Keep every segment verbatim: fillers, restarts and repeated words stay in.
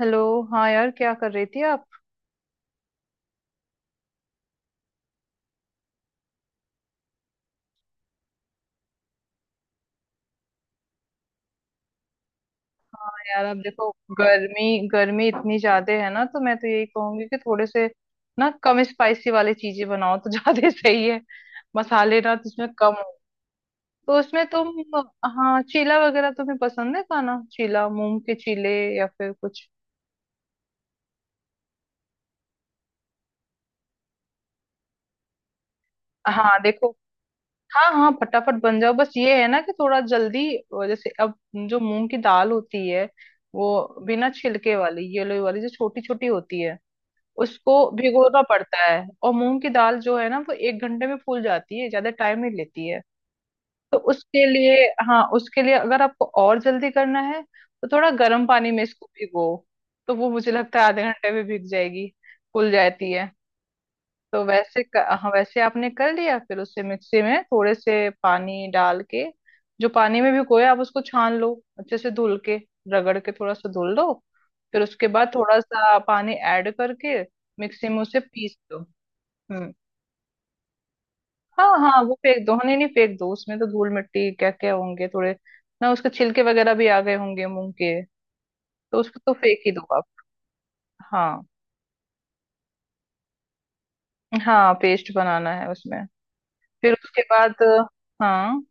Hello. हाँ यार, क्या कर रही थी आप। यार आप देखो, गर्मी गर्मी इतनी ज्यादा है ना, तो मैं तो यही कहूंगी कि थोड़े से ना कम स्पाइसी वाली चीजें बनाओ तो ज्यादा सही है। मसाले ना तो उसमें कम हो, तो उसमें तुम। हाँ चीला वगैरह तुम्हें पसंद है खाना, चीला मूंग के चीले या फिर कुछ। हाँ देखो, हाँ हाँ फटाफट बन जाओ। बस ये है ना कि थोड़ा जल्दी, जैसे अब जो मूंग की दाल होती है, वो बिना छिलके वाली येलो वाली जो छोटी छोटी होती है, उसको भिगोना पड़ता है। और मूंग की दाल जो है ना, वो एक घंटे में फूल जाती है, ज्यादा टाइम नहीं लेती है। तो उसके लिए, हाँ उसके लिए अगर आपको और जल्दी करना है तो थोड़ा गर्म पानी में इसको भिगो, तो वो मुझे लगता है आधे घंटे में भीग जाएगी, फूल जाती है। तो वैसे क- हाँ वैसे आपने कर लिया, फिर उसे मिक्सी में थोड़े से पानी डाल के, जो पानी में भिगोए आप उसको छान लो, अच्छे से धुल के रगड़ के थोड़ा सा धुल लो। फिर उसके बाद थोड़ा सा पानी ऐड करके मिक्सी में उसे पीस दो। हम्म। हाँ हाँ वो फेंक दो। हाँ, नहीं नहीं फेंक दो, उसमें तो धूल मिट्टी क्या क्या होंगे, थोड़े ना उसके छिलके वगैरह भी आ गए होंगे मूंग के। तो उसको तो फेंक ही दो आप। हाँ, हाँ पेस्ट बनाना है उसमें। फिर उसके बाद, हाँ,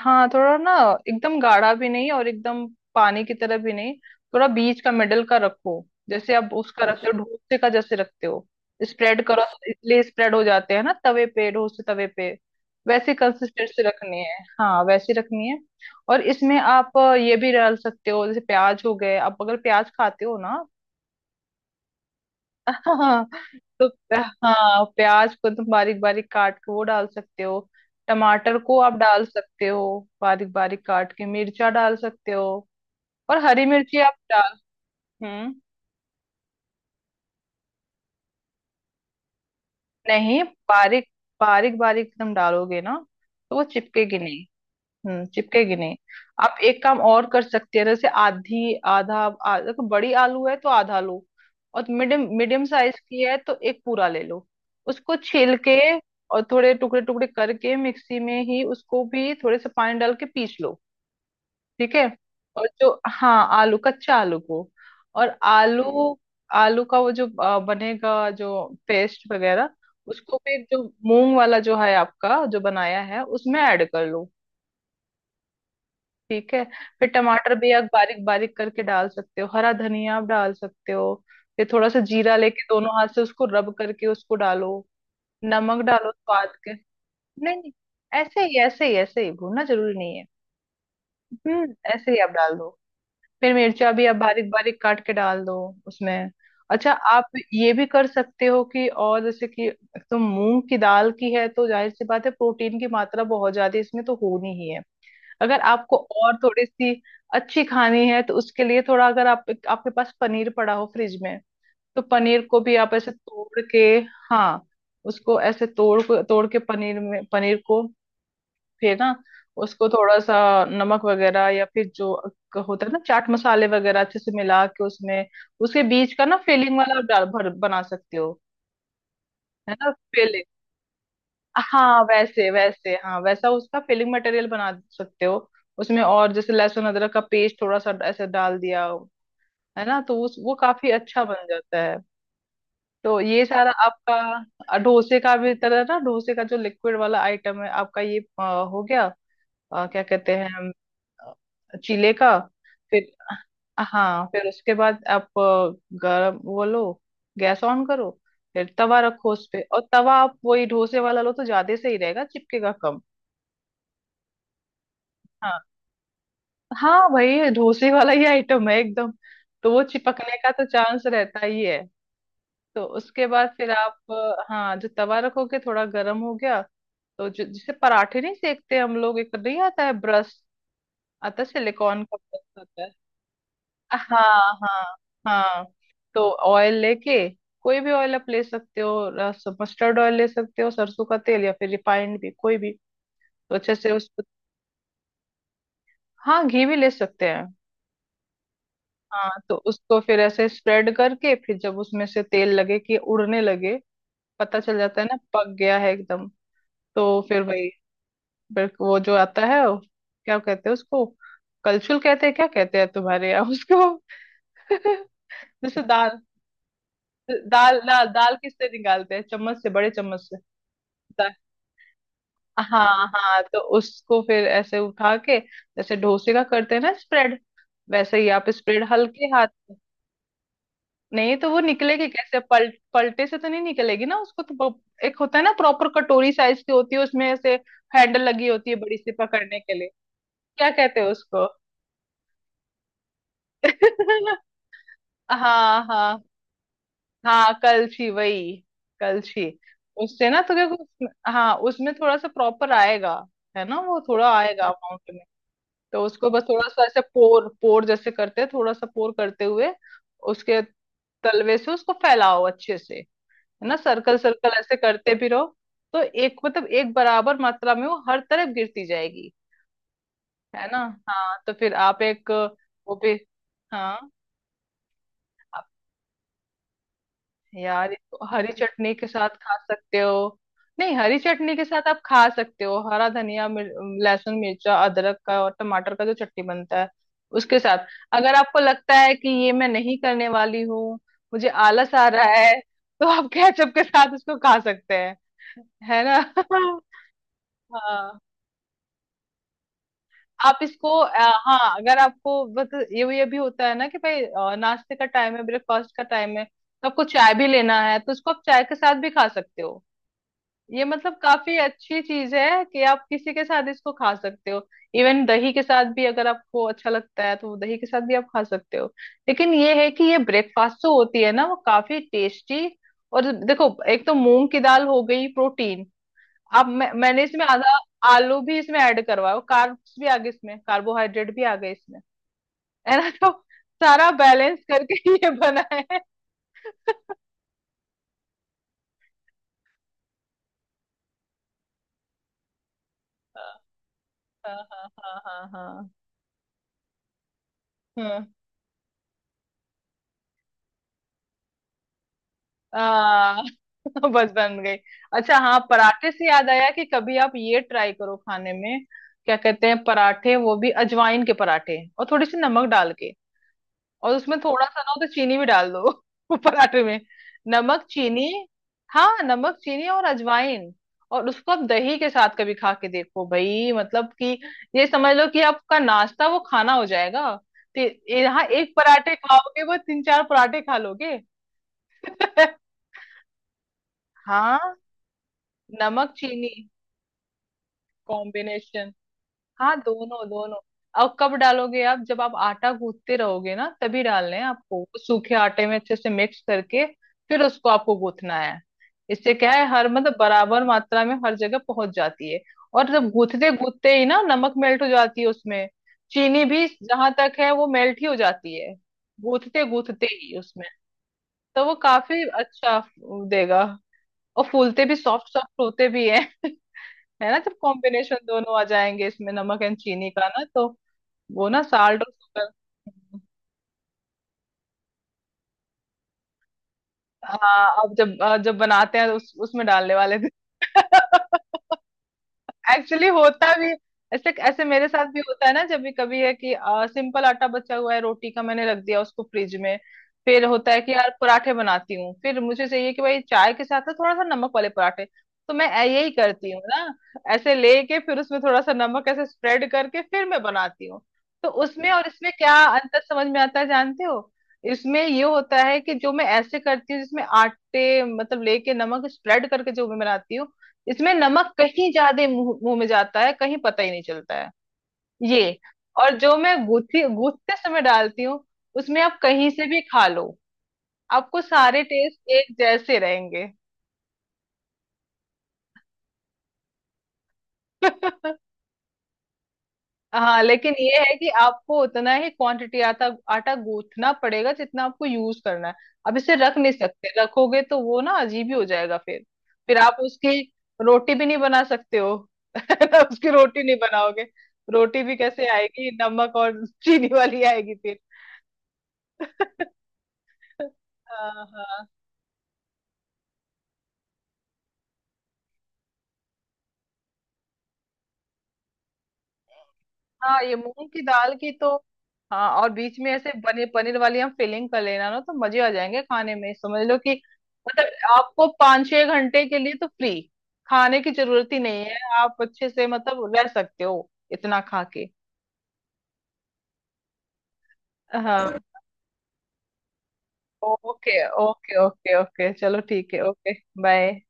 हाँ थोड़ा ना एकदम गाढ़ा भी नहीं और एकदम पानी की तरह भी नहीं, थोड़ा बीच का मिडल का रखो। जैसे आप उसका रखते हो, अच्छा डोसे का जैसे रखते हो, स्प्रेड करो। इसलिए स्प्रेड हो जाते हैं ना तवे पे, डोसे तवे पे वैसे कंसिस्टेंसी रखनी है, हाँ वैसे रखनी है। और इसमें आप ये भी डाल सकते हो, जैसे प्याज हो गए, आप अगर प्याज खाते हो ना। हाँ तो, हाँ प्याज को तुम बारीक बारीक काट के वो डाल सकते हो, टमाटर को आप डाल सकते हो बारीक बारीक काट के, मिर्चा डाल सकते हो, और हरी मिर्ची आप डाल। हम्म। नहीं, बारीक, बारीक बारीक तुम डालोगे ना तो वो चिपकेगी नहीं। हम्म चिपकेगी नहीं। आप एक काम और कर सकते हैं, जैसे आधी आधा आ- देखो, बड़ी आलू है तो आधा लो, और मीडियम मीडियम साइज की है तो एक पूरा ले लो, उसको छील के, और थोड़े टुकड़े टुकड़े करके मिक्सी में ही उसको भी थोड़े से पानी डाल के पीस लो। ठीक है, और जो, हाँ आलू, कच्चा आलू को, और आलू, आलू का वो जो अ, बनेगा जो पेस्ट वगैरह, उसको भी जो मूंग वाला जो है आपका, जो बनाया है, उसमें ऐड कर लो। ठीक है। फिर टमाटर भी आप बारीक बारीक करके डाल सकते हो, हरा धनिया आप डाल सकते हो। फिर थोड़ा सा जीरा लेके दोनों हाथ से उसको रब करके उसको डालो, नमक डालो स्वाद के। नहीं नहीं, ऐसे ही ऐसे ही ऐसे ही, भूनना जरूरी नहीं है। हम्म ऐसे ही आप डाल दो। फिर मिर्चा भी आप बारीक बारीक काट के डाल दो उसमें। अच्छा, आप ये भी कर सकते हो कि, और जैसे कि एक तो मूंग की दाल की है, तो जाहिर सी बात है प्रोटीन की मात्रा बहुत ज्यादा है, इसमें तो होनी ही है। अगर आपको और थोड़ी सी अच्छी खानी है तो उसके लिए थोड़ा, अगर आप आपके पास पनीर पड़ा हो फ्रिज में, तो पनीर को भी आप ऐसे तोड़ के, हाँ उसको ऐसे तोड़ को तोड़ के पनीर में, पनीर को फिर ना उसको थोड़ा सा नमक वगैरह या फिर जो होता है ना चाट मसाले वगैरह अच्छे से मिला के उसमें, उसके बीच का ना फिलिंग वाला आप डाल भर बना सकते हो, है ना। हाँ वैसे वैसे, हाँ वैसा उसका फिलिंग मटेरियल बना सकते हो उसमें। और जैसे लहसुन अदरक का पेस्ट थोड़ा सा ऐसे डाल दिया है ना, तो उस वो काफी अच्छा बन जाता है। तो ये सारा आपका अ, डोसे का भी तरह ना, डोसे का जो लिक्विड वाला आइटम है आपका, ये अ, हो गया, अ, क्या कहते हैं, अ, चीले का। फिर, हाँ फिर उसके बाद आप अ, गरम वो लो, गैस ऑन करो, फिर तवा रखो उस पे, और तवा आप वही डोसे वाला लो तो ज्यादा सही रहेगा, चिपकेगा कम। हाँ, हाँ वही डोसे वाला ही आइटम है एकदम, तो वो चिपकने का तो चांस रहता ही है। तो उसके बाद फिर आप, अ, हाँ जो तवा रखोगे थोड़ा गर्म हो गया, तो जो जिसे पराठे नहीं सेकते हम लोग, एक नहीं आता है ब्रश, आता है सिलिकॉन का ब्रश आता है। हाँ हाँ हाँ। तो ऑयल लेके, कोई भी ऑयल आप ले सकते हो, मस्टर्ड ऑयल ले सकते हो, सरसों का तेल, या फिर रिफाइंड भी, कोई भी, तो अच्छे से उसको, हाँ घी भी ले सकते हैं, हाँ तो उसको फिर ऐसे स्प्रेड करके, फिर जब उसमें से तेल लगे कि उड़ने लगे, पता चल जाता है ना पक गया है एकदम। तो फिर वही, फिर वो जो आता है वो- क्या कहते हैं उसको, कलछुल कहते हैं, क्या कहते हैं तुम्हारे यहाँ उसको। जैसे दाल, दाल दाल दाल किससे निकालते हैं, चम्मच से, बड़े चम्मच से दाल। हाँ हाँ, तो उसको फिर ऐसे उठा के, जैसे डोसे का करते हैं ना स्प्रेड, वैसे ही आप स्प्रेड हल्के हाथ। नहीं तो वो निकलेगी कैसे, पल, पलटे से तो नहीं निकलेगी ना उसको, तो प- एक होता है ना प्रॉपर, कटोरी साइज की होती है, उसमें ऐसे हैंडल लगी होती है बड़ी सी पकड़ने के लिए। क्या कहते हैं उसको। हाँ हाँ हाँ, कलछी वही, कलछी। उससे ना तो क्या उसमें, हाँ उसमें थोड़ा सा प्रॉपर आएगा, है ना, वो थोड़ा आएगा अमाउंट में। तो उसको बस थोड़ा सा ऐसे पोर पोर जैसे करते हैं, थोड़ा सा पोर करते हुए उसके तलवे से उसको फैलाओ अच्छे से, है ना। सर्कल सर्कल ऐसे करते भी रहो, तो एक मतलब एक बराबर मात्रा में वो हर तरफ गिरती जाएगी, है ना। हाँ तो फिर आप एक, वो भी, हाँ। आप, यार इसको हरी चटनी के साथ खा सकते हो। नहीं, हरी चटनी के साथ आप खा सकते हो, हरा धनिया मिर, लहसुन मिर्चा अदरक का और टमाटर का जो चटनी बनता है, उसके साथ। अगर आपको लगता है कि ये मैं नहीं करने वाली हूँ, मुझे आलस आ रहा है, तो आप केचप के साथ उसको खा सकते हैं, है ना। हाँ आप इसको अ, हाँ अगर आपको बस ये ये भी होता है ना कि भाई, अ, नाश्ते का टाइम है, ब्रेकफास्ट का टाइम है, तो आपको चाय भी लेना है, तो इसको आप चाय के साथ भी खा सकते हो। ये मतलब काफी अच्छी चीज है कि आप किसी के साथ इसको खा सकते हो। इवन दही के साथ भी अगर आपको अच्छा लगता है तो दही के साथ भी आप खा सकते हो। लेकिन ये है कि ये ब्रेकफास्ट जो होती है ना वो काफी टेस्टी। और देखो एक तो मूंग की दाल हो गई प्रोटीन, अब मैं, मैंने इसमें आधा आलू भी इसमें ऐड करवाया, कार्ब्स भी आ गए इसमें, कार्बोहाइड्रेट भी आ गए इसमें, है ना। तो सारा बैलेंस करके ये बना है। हाँ हाँ हाँ हाँ हाँ। हम्म, आ, बस बन गई। अच्छा हाँ, पराठे से याद आया कि कभी आप ये ट्राई करो खाने में, क्या कहते हैं पराठे, वो भी अजवाइन के पराठे, और थोड़ी सी नमक डाल के, और उसमें थोड़ा सा ना हो तो चीनी भी डाल दो। पराठे में नमक चीनी। हाँ नमक चीनी और अजवाइन, और उसको आप दही के साथ कभी खा के देखो भाई, मतलब कि ये समझ लो कि आपका नाश्ता वो खाना हो जाएगा। तो यहाँ एक पराठे खाओगे, वो तीन चार पराठे खा लोगे। हाँ नमक चीनी कॉम्बिनेशन, हाँ दोनों दोनों। अब कब डालोगे आप, जब आप आटा गूंथते रहोगे ना तभी डालने हैं आपको, वो सूखे आटे में अच्छे से मिक्स करके, फिर उसको आपको गूंथना है। इससे क्या है, हर मतलब बराबर मात्रा में हर जगह पहुंच जाती है। और जब गूंथते गूंथते ही ना, नमक मेल्ट हो जाती है उसमें, चीनी भी जहां तक है वो मेल्ट ही हो जाती है, गूंथते गूंथते ही उसमें, तो वो काफी अच्छा देगा। और फूलते भी सॉफ्ट सॉफ्ट होते भी है। है ना, जब कॉम्बिनेशन दोनों आ जाएंगे इसमें, नमक एंड चीनी का ना, तो वो ना साल्ट और शुगर। हाँ अब जब अ, जब बनाते हैं, तो उस, उसमें डालने वाले थे। एक्चुअली होता भी ऐसे, ऐसे मेरे साथ भी होता है ना, जब भी कभी है कि सिंपल आटा बचा हुआ है रोटी का, मैंने रख दिया उसको फ्रिज में, फिर होता है कि यार पराठे बनाती हूँ, फिर मुझे चाहिए कि भाई चाय के साथ ना थोड़ा सा नमक वाले पराठे, तो मैं ऐ- यही करती हूँ ना, ऐसे लेके फिर उसमें थोड़ा सा नमक ऐसे स्प्रेड करके फिर मैं बनाती हूँ। तो उसमें और इसमें क्या अंतर समझ में आता है जानते हो, इसमें ये होता है कि जो मैं ऐसे करती हूँ जिसमें आटे मतलब लेके नमक स्प्रेड करके जो मैं बनाती हूँ, इसमें नमक कहीं ज्यादा मुंह मुंह में जाता है, कहीं पता ही नहीं चलता है ये। और जो मैं गूथी गूथते समय डालती हूँ, उसमें आप कहीं से भी खा लो, आपको सारे टेस्ट एक जैसे रहेंगे। हाँ लेकिन ये है कि आपको उतना ही क्वांटिटी आटा आटा गूंथना पड़ेगा जितना आपको यूज करना है। अब इसे रख नहीं सकते, रखोगे तो वो ना अजीब ही हो जाएगा फिर फिर आप उसकी रोटी भी नहीं बना सकते हो। ना, उसकी रोटी नहीं बनाओगे, रोटी भी कैसे आएगी, नमक और चीनी वाली आएगी फिर। हाँ हाँ हाँ, ये मूंग की दाल की तो, हाँ। और बीच में ऐसे पनीर, पनीर वाली हम फिलिंग कर लेना ना, तो मजे आ जाएंगे खाने में, समझ लो कि मतलब आपको पाँच छह घंटे के लिए तो फ्री, खाने की जरूरत ही नहीं है, आप अच्छे से मतलब रह सकते हो इतना खा के। हाँ ओके ओके ओके ओके, चलो ठीक है ओके, बाय।